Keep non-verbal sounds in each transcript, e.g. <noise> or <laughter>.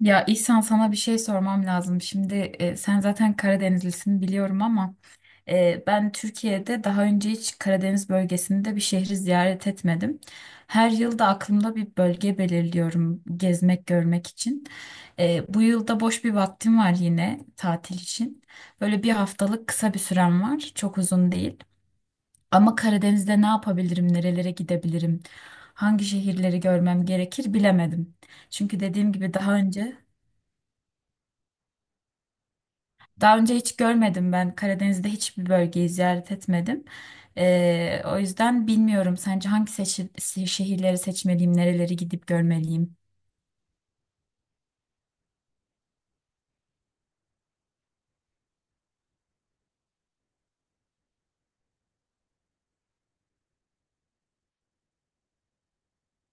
Ya İhsan sana bir şey sormam lazım. Şimdi sen zaten Karadenizlisin biliyorum ama ben Türkiye'de daha önce hiç Karadeniz bölgesinde bir şehri ziyaret etmedim. Her yıl da aklımda bir bölge belirliyorum gezmek görmek için. Bu yılda boş bir vaktim var yine tatil için. Böyle bir haftalık kısa bir sürem var. Çok uzun değil. Ama Karadeniz'de ne yapabilirim, nerelere gidebilirim, hangi şehirleri görmem gerekir bilemedim. Çünkü dediğim gibi, daha önce hiç görmedim ben. Karadeniz'de hiçbir bölgeyi ziyaret etmedim. O yüzden bilmiyorum. Sence hangi şehirleri seçmeliyim, nereleri gidip görmeliyim?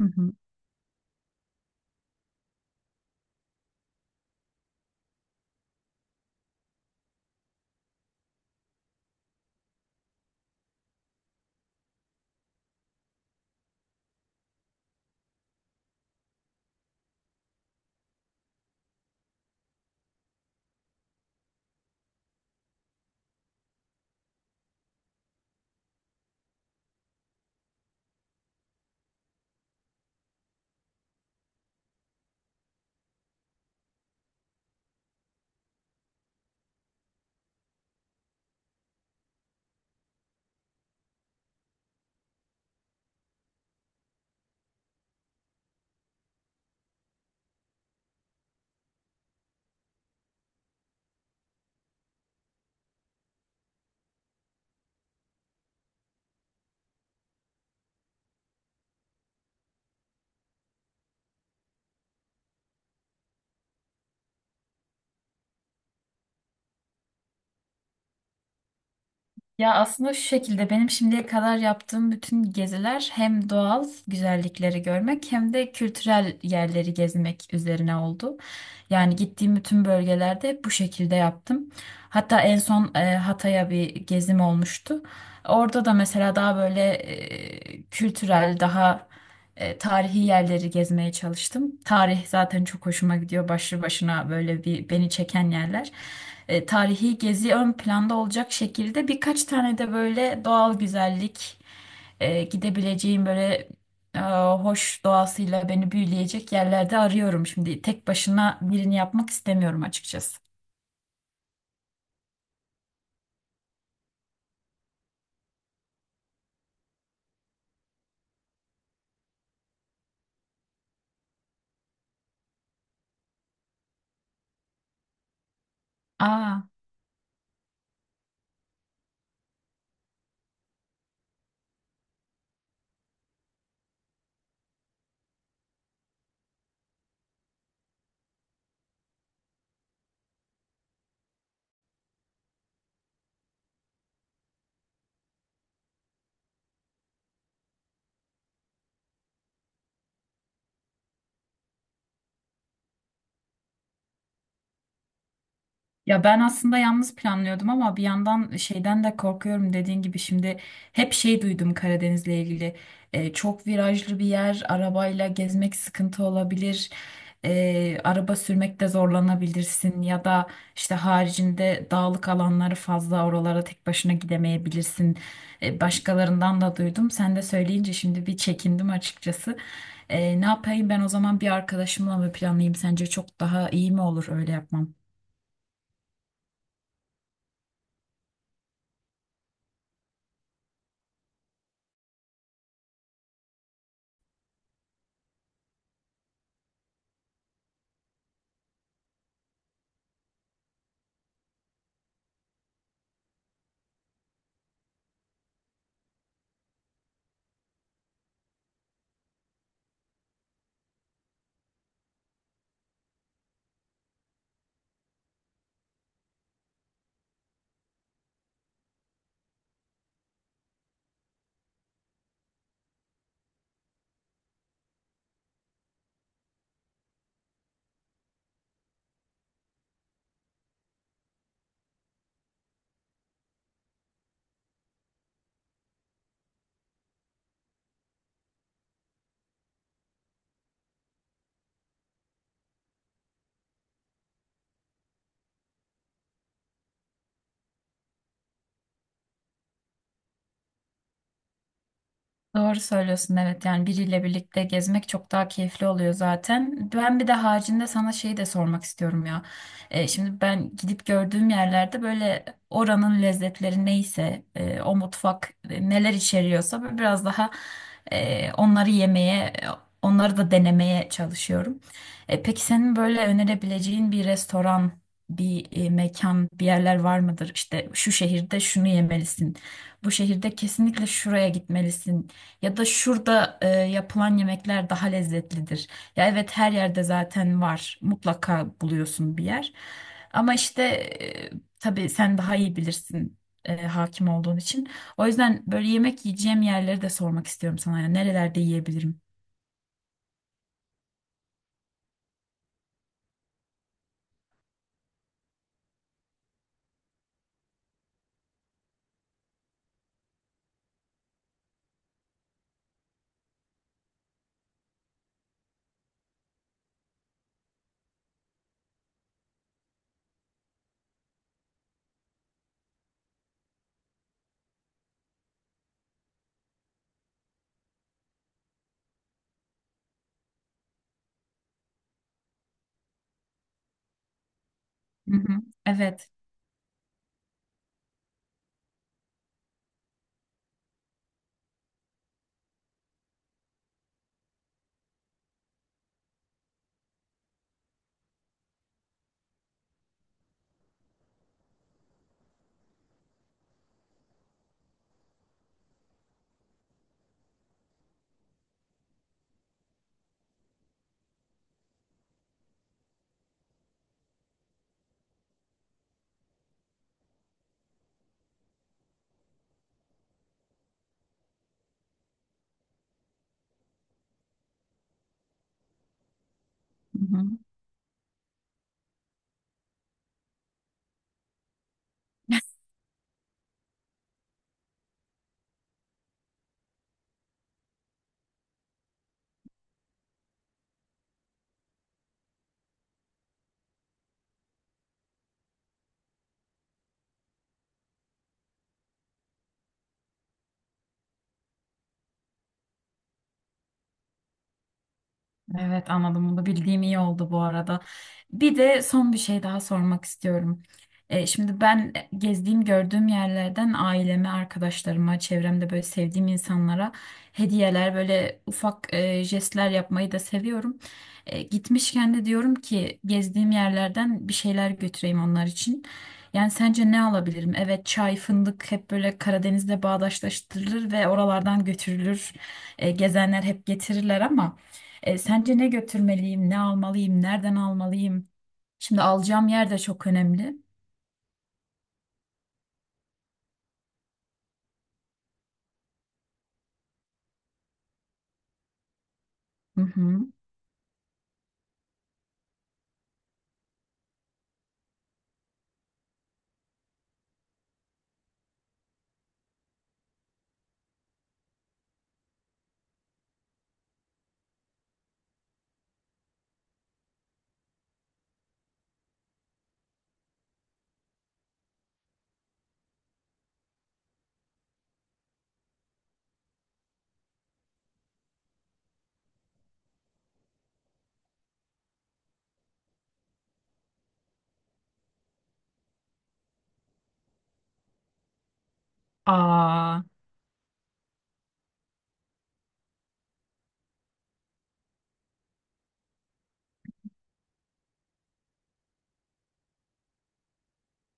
Hı hı. Ya aslında şu şekilde benim şimdiye kadar yaptığım bütün geziler hem doğal güzellikleri görmek hem de kültürel yerleri gezmek üzerine oldu. Yani gittiğim bütün bölgelerde hep bu şekilde yaptım. Hatta en son Hatay'a bir gezim olmuştu. Orada da mesela daha böyle kültürel, daha tarihi yerleri gezmeye çalıştım. Tarih zaten çok hoşuma gidiyor. Başlı başına böyle bir beni çeken yerler. Tarihi gezi ön planda olacak şekilde birkaç tane de böyle doğal güzellik gidebileceğim böyle e, hoş doğasıyla beni büyüleyecek yerlerde arıyorum. Şimdi tek başına birini yapmak istemiyorum açıkçası. Aa. Ya ben aslında yalnız planlıyordum ama bir yandan şeyden de korkuyorum dediğin gibi şimdi hep şey duydum Karadeniz'le ilgili. Çok virajlı bir yer, arabayla gezmek sıkıntı olabilir. Araba sürmekte zorlanabilirsin ya da işte haricinde dağlık alanları fazla, oralara tek başına gidemeyebilirsin. Başkalarından da duydum, sen de söyleyince şimdi bir çekindim açıkçası. Ne yapayım ben o zaman, bir arkadaşımla mı planlayayım, sence çok daha iyi mi olur öyle yapmam? Doğru söylüyorsun, evet, yani biriyle birlikte gezmek çok daha keyifli oluyor zaten. Ben bir de haricinde sana şeyi de sormak istiyorum ya. Şimdi ben gidip gördüğüm yerlerde böyle oranın lezzetleri neyse o mutfak neler içeriyorsa böyle biraz daha onları yemeye, onları da denemeye çalışıyorum. Peki senin böyle önerebileceğin bir restoran, bir mekan, bir yerler var mıdır? İşte şu şehirde şunu yemelisin. Bu şehirde kesinlikle şuraya gitmelisin ya da şurada yapılan yemekler daha lezzetlidir. Ya evet, her yerde zaten var. Mutlaka buluyorsun bir yer. Ama işte, tabii sen daha iyi bilirsin hakim olduğun için. O yüzden böyle yemek yiyeceğim yerleri de sormak istiyorum sana. Ya nerelerde yiyebilirim? Hı hı. Evet. Evet anladım, bunu bildiğim iyi oldu bu arada. Bir de son bir şey daha sormak istiyorum. Şimdi ben gezdiğim gördüğüm yerlerden aileme, arkadaşlarıma, çevremde böyle sevdiğim insanlara hediyeler, böyle ufak jestler yapmayı da seviyorum. Gitmişken de diyorum ki gezdiğim yerlerden bir şeyler götüreyim onlar için. Yani sence ne alabilirim? Evet, çay, fındık hep böyle Karadeniz'de bağdaştırılır ve oralardan götürülür. Gezenler hep getirirler ama. Sence ne götürmeliyim, ne almalıyım, nereden almalıyım? Şimdi alacağım yer de çok önemli. Hı hı. Aa,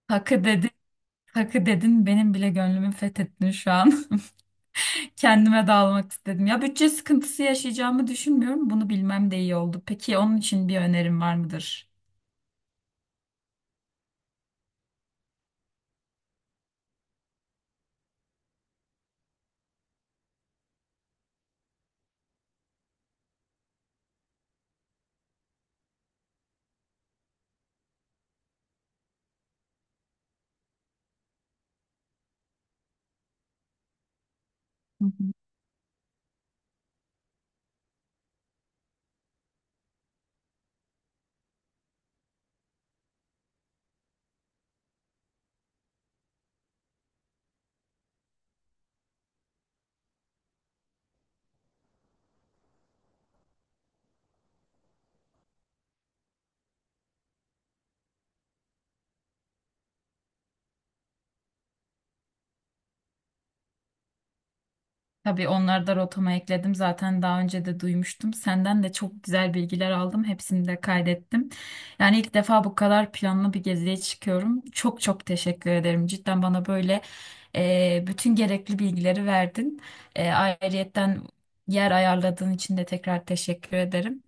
hakkı dedin, hakkı dedin, benim bile gönlümü fethettin şu an. <laughs> Kendime de almak istedim. Ya bütçe sıkıntısı yaşayacağımı düşünmüyorum. Bunu bilmem de iyi oldu. Peki onun için bir önerim var mıdır? Hı hı. Tabii onları da rotama ekledim. Zaten daha önce de duymuştum. Senden de çok güzel bilgiler aldım. Hepsini de kaydettim. Yani ilk defa bu kadar planlı bir geziye çıkıyorum. Çok çok teşekkür ederim. Cidden bana böyle bütün gerekli bilgileri verdin. Ayrıyetten yer ayarladığın için de tekrar teşekkür ederim.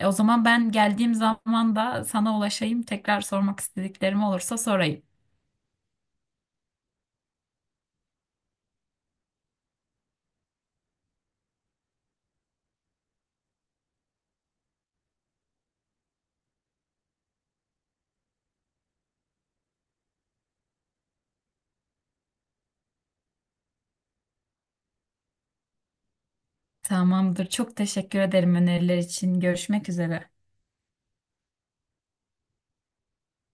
O zaman ben geldiğim zaman da sana ulaşayım. Tekrar sormak istediklerim olursa sorayım. Tamamdır. Çok teşekkür ederim öneriler için. Görüşmek üzere.